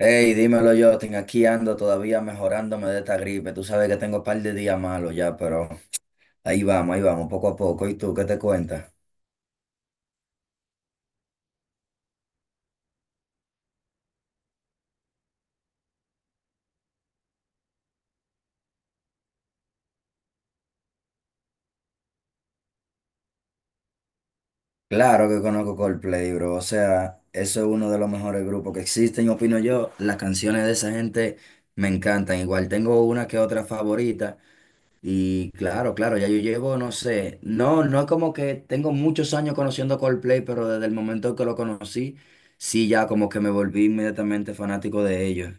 Hey, dímelo, Jotin, aquí ando todavía mejorándome de esta gripe. Tú sabes que tengo un par de días malos ya, pero ahí vamos, poco a poco. ¿Y tú qué te cuentas? Claro que conozco Coldplay, bro. O sea, eso es uno de los mejores grupos que existen, opino yo. Las canciones de esa gente me encantan. Igual tengo una que otra favorita. Y claro, claro, ya yo llevo, no sé, no, no es como que tengo muchos años conociendo Coldplay, pero desde el momento que lo conocí, sí, ya como que me volví inmediatamente fanático de ellos.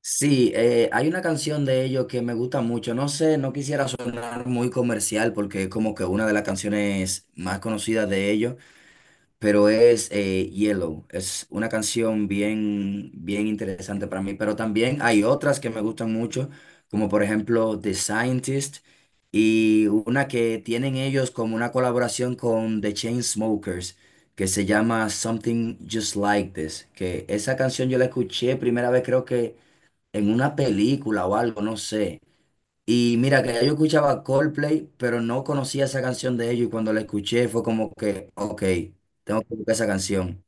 Sí, hay una canción de ellos que me gusta mucho. No sé, no quisiera sonar muy comercial porque es como que una de las canciones más conocidas de ellos, pero es Yellow. Es una canción bien, bien interesante para mí. Pero también hay otras que me gustan mucho, como por ejemplo The Scientist y una que tienen ellos como una colaboración con The Chainsmokers que se llama Something Just Like This. Que esa canción yo la escuché primera vez creo que en una película o algo, no sé. Y mira, que ya yo escuchaba Coldplay, pero no conocía esa canción de ellos y cuando la escuché fue como que, ok, tengo que buscar esa canción.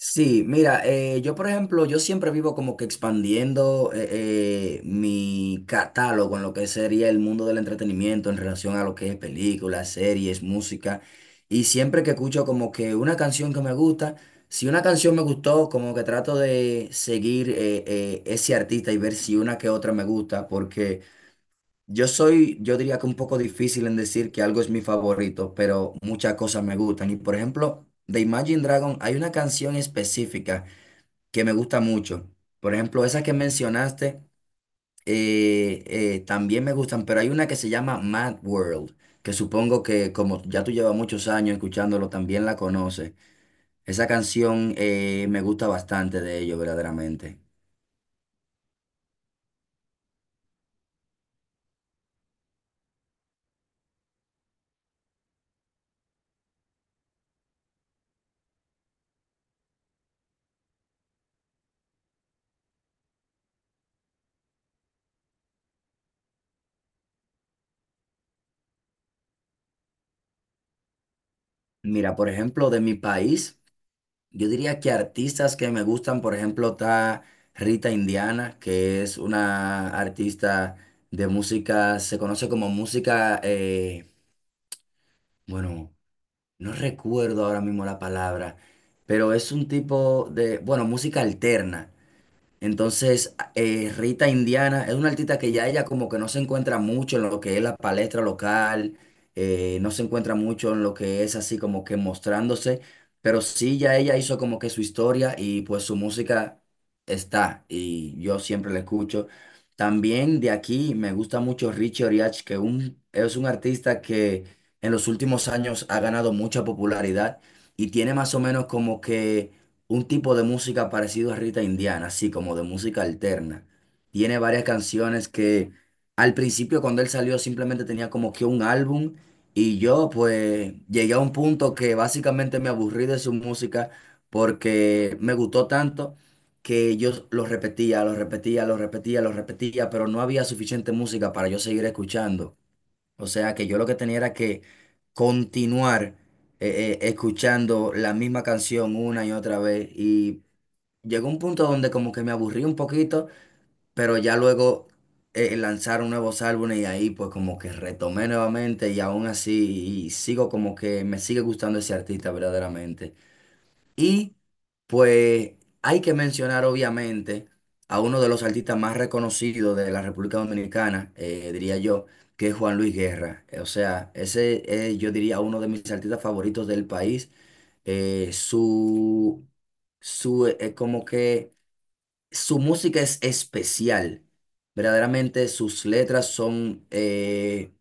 Sí, mira, yo por ejemplo, yo siempre vivo como que expandiendo mi catálogo en lo que sería el mundo del entretenimiento en relación a lo que es películas, series, música. Y siempre que escucho como que una canción que me gusta, si una canción me gustó, como que trato de seguir ese artista y ver si una que otra me gusta, porque… Yo soy, yo diría que un poco difícil en decir que algo es mi favorito, pero muchas cosas me gustan. Y por ejemplo, de Imagine Dragon hay una canción específica que me gusta mucho. Por ejemplo, esa que mencionaste también me gustan, pero hay una que se llama Mad World, que supongo que como ya tú llevas muchos años escuchándolo, también la conoces. Esa canción me gusta bastante de ello, verdaderamente. Mira, por ejemplo, de mi país. Yo diría que artistas que me gustan, por ejemplo, está Rita Indiana, que es una artista de música, se conoce como música, bueno, no recuerdo ahora mismo la palabra, pero es un tipo de, bueno, música alterna. Entonces, Rita Indiana es una artista que ya ella como que no se encuentra mucho en lo que es la palestra local, no se encuentra mucho en lo que es así como que mostrándose, pero sí ya ella hizo como que su historia y pues su música está y yo siempre la escucho. También de aquí me gusta mucho Richie Oriach, que es un artista que en los últimos años ha ganado mucha popularidad y tiene más o menos como que un tipo de música parecido a Rita Indiana, así como de música alterna. Tiene varias canciones que al principio cuando él salió simplemente tenía como que un álbum y yo pues llegué a un punto que básicamente me aburrí de su música porque me gustó tanto que yo lo repetía, pero no había suficiente música para yo seguir escuchando. O sea que yo lo que tenía era que continuar escuchando la misma canción una y otra vez. Y llegó un punto donde como que me aburrí un poquito, pero ya luego lanzaron nuevos álbumes y ahí pues como que retomé nuevamente y aún así y sigo como que me sigue gustando ese artista verdaderamente. Y pues hay que mencionar obviamente a uno de los artistas más reconocidos de la República Dominicana, diría yo, que es Juan Luis Guerra. O sea, ese es, yo diría, uno de mis artistas favoritos del país. Eh, su, como que su música es especial. Verdaderamente sus letras son…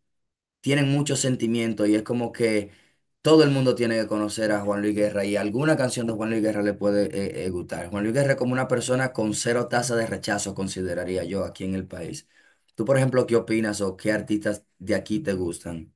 tienen mucho sentimiento y es como que todo el mundo tiene que conocer a Juan Luis Guerra y alguna canción de Juan Luis Guerra le puede gustar. Juan Luis Guerra es como una persona con cero tasa de rechazo, consideraría yo, aquí en el país. Tú, por ejemplo, ¿qué opinas o qué artistas de aquí te gustan?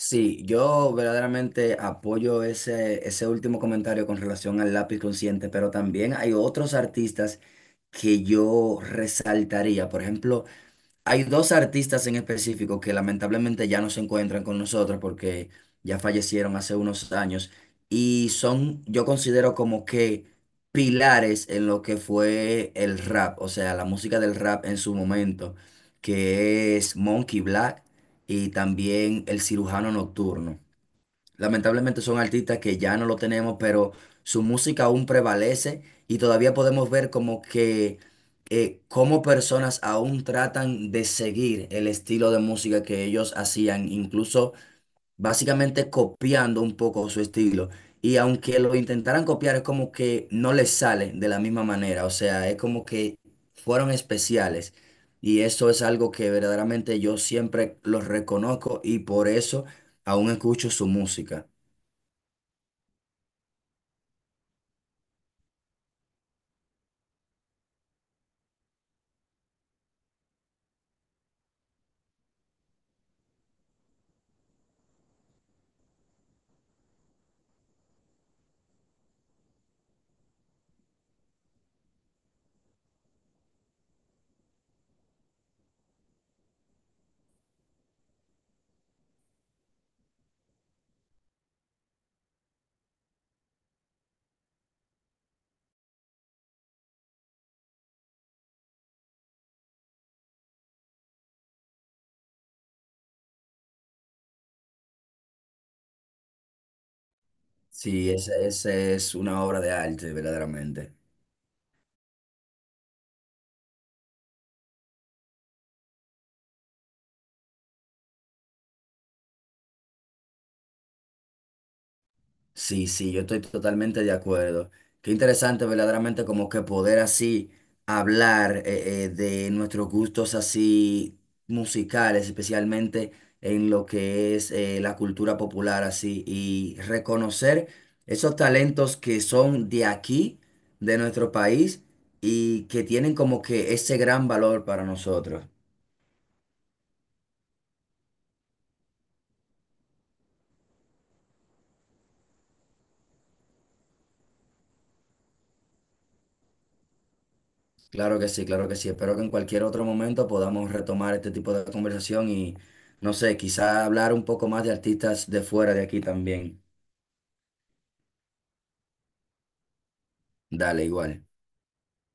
Sí, yo verdaderamente apoyo ese último comentario con relación al lápiz consciente, pero también hay otros artistas que yo resaltaría. Por ejemplo, hay dos artistas en específico que lamentablemente ya no se encuentran con nosotros porque ya fallecieron hace unos años y son, yo considero como que pilares en lo que fue el rap, o sea, la música del rap en su momento, que es Monkey Black y también El Cirujano Nocturno. Lamentablemente son artistas que ya no lo tenemos, pero su música aún prevalece y todavía podemos ver como que cómo personas aún tratan de seguir el estilo de música que ellos hacían, incluso básicamente copiando un poco su estilo. Y aunque lo intentaran copiar, es como que no les sale de la misma manera, o sea, es como que fueron especiales. Y eso es algo que verdaderamente yo siempre los reconozco y por eso aún escucho su música. Sí, esa es una obra de arte, verdaderamente. Sí, sí, yo estoy totalmente de acuerdo. Qué interesante, verdaderamente, como que poder así hablar de nuestros gustos así musicales, especialmente en lo que es la cultura popular así, y reconocer esos talentos que son de aquí, de nuestro país, y que tienen como que ese gran valor para nosotros. Claro que sí, claro que sí. Espero que en cualquier otro momento podamos retomar este tipo de conversación y, no sé, quizá hablar un poco más de artistas de fuera de aquí también. Dale, igual.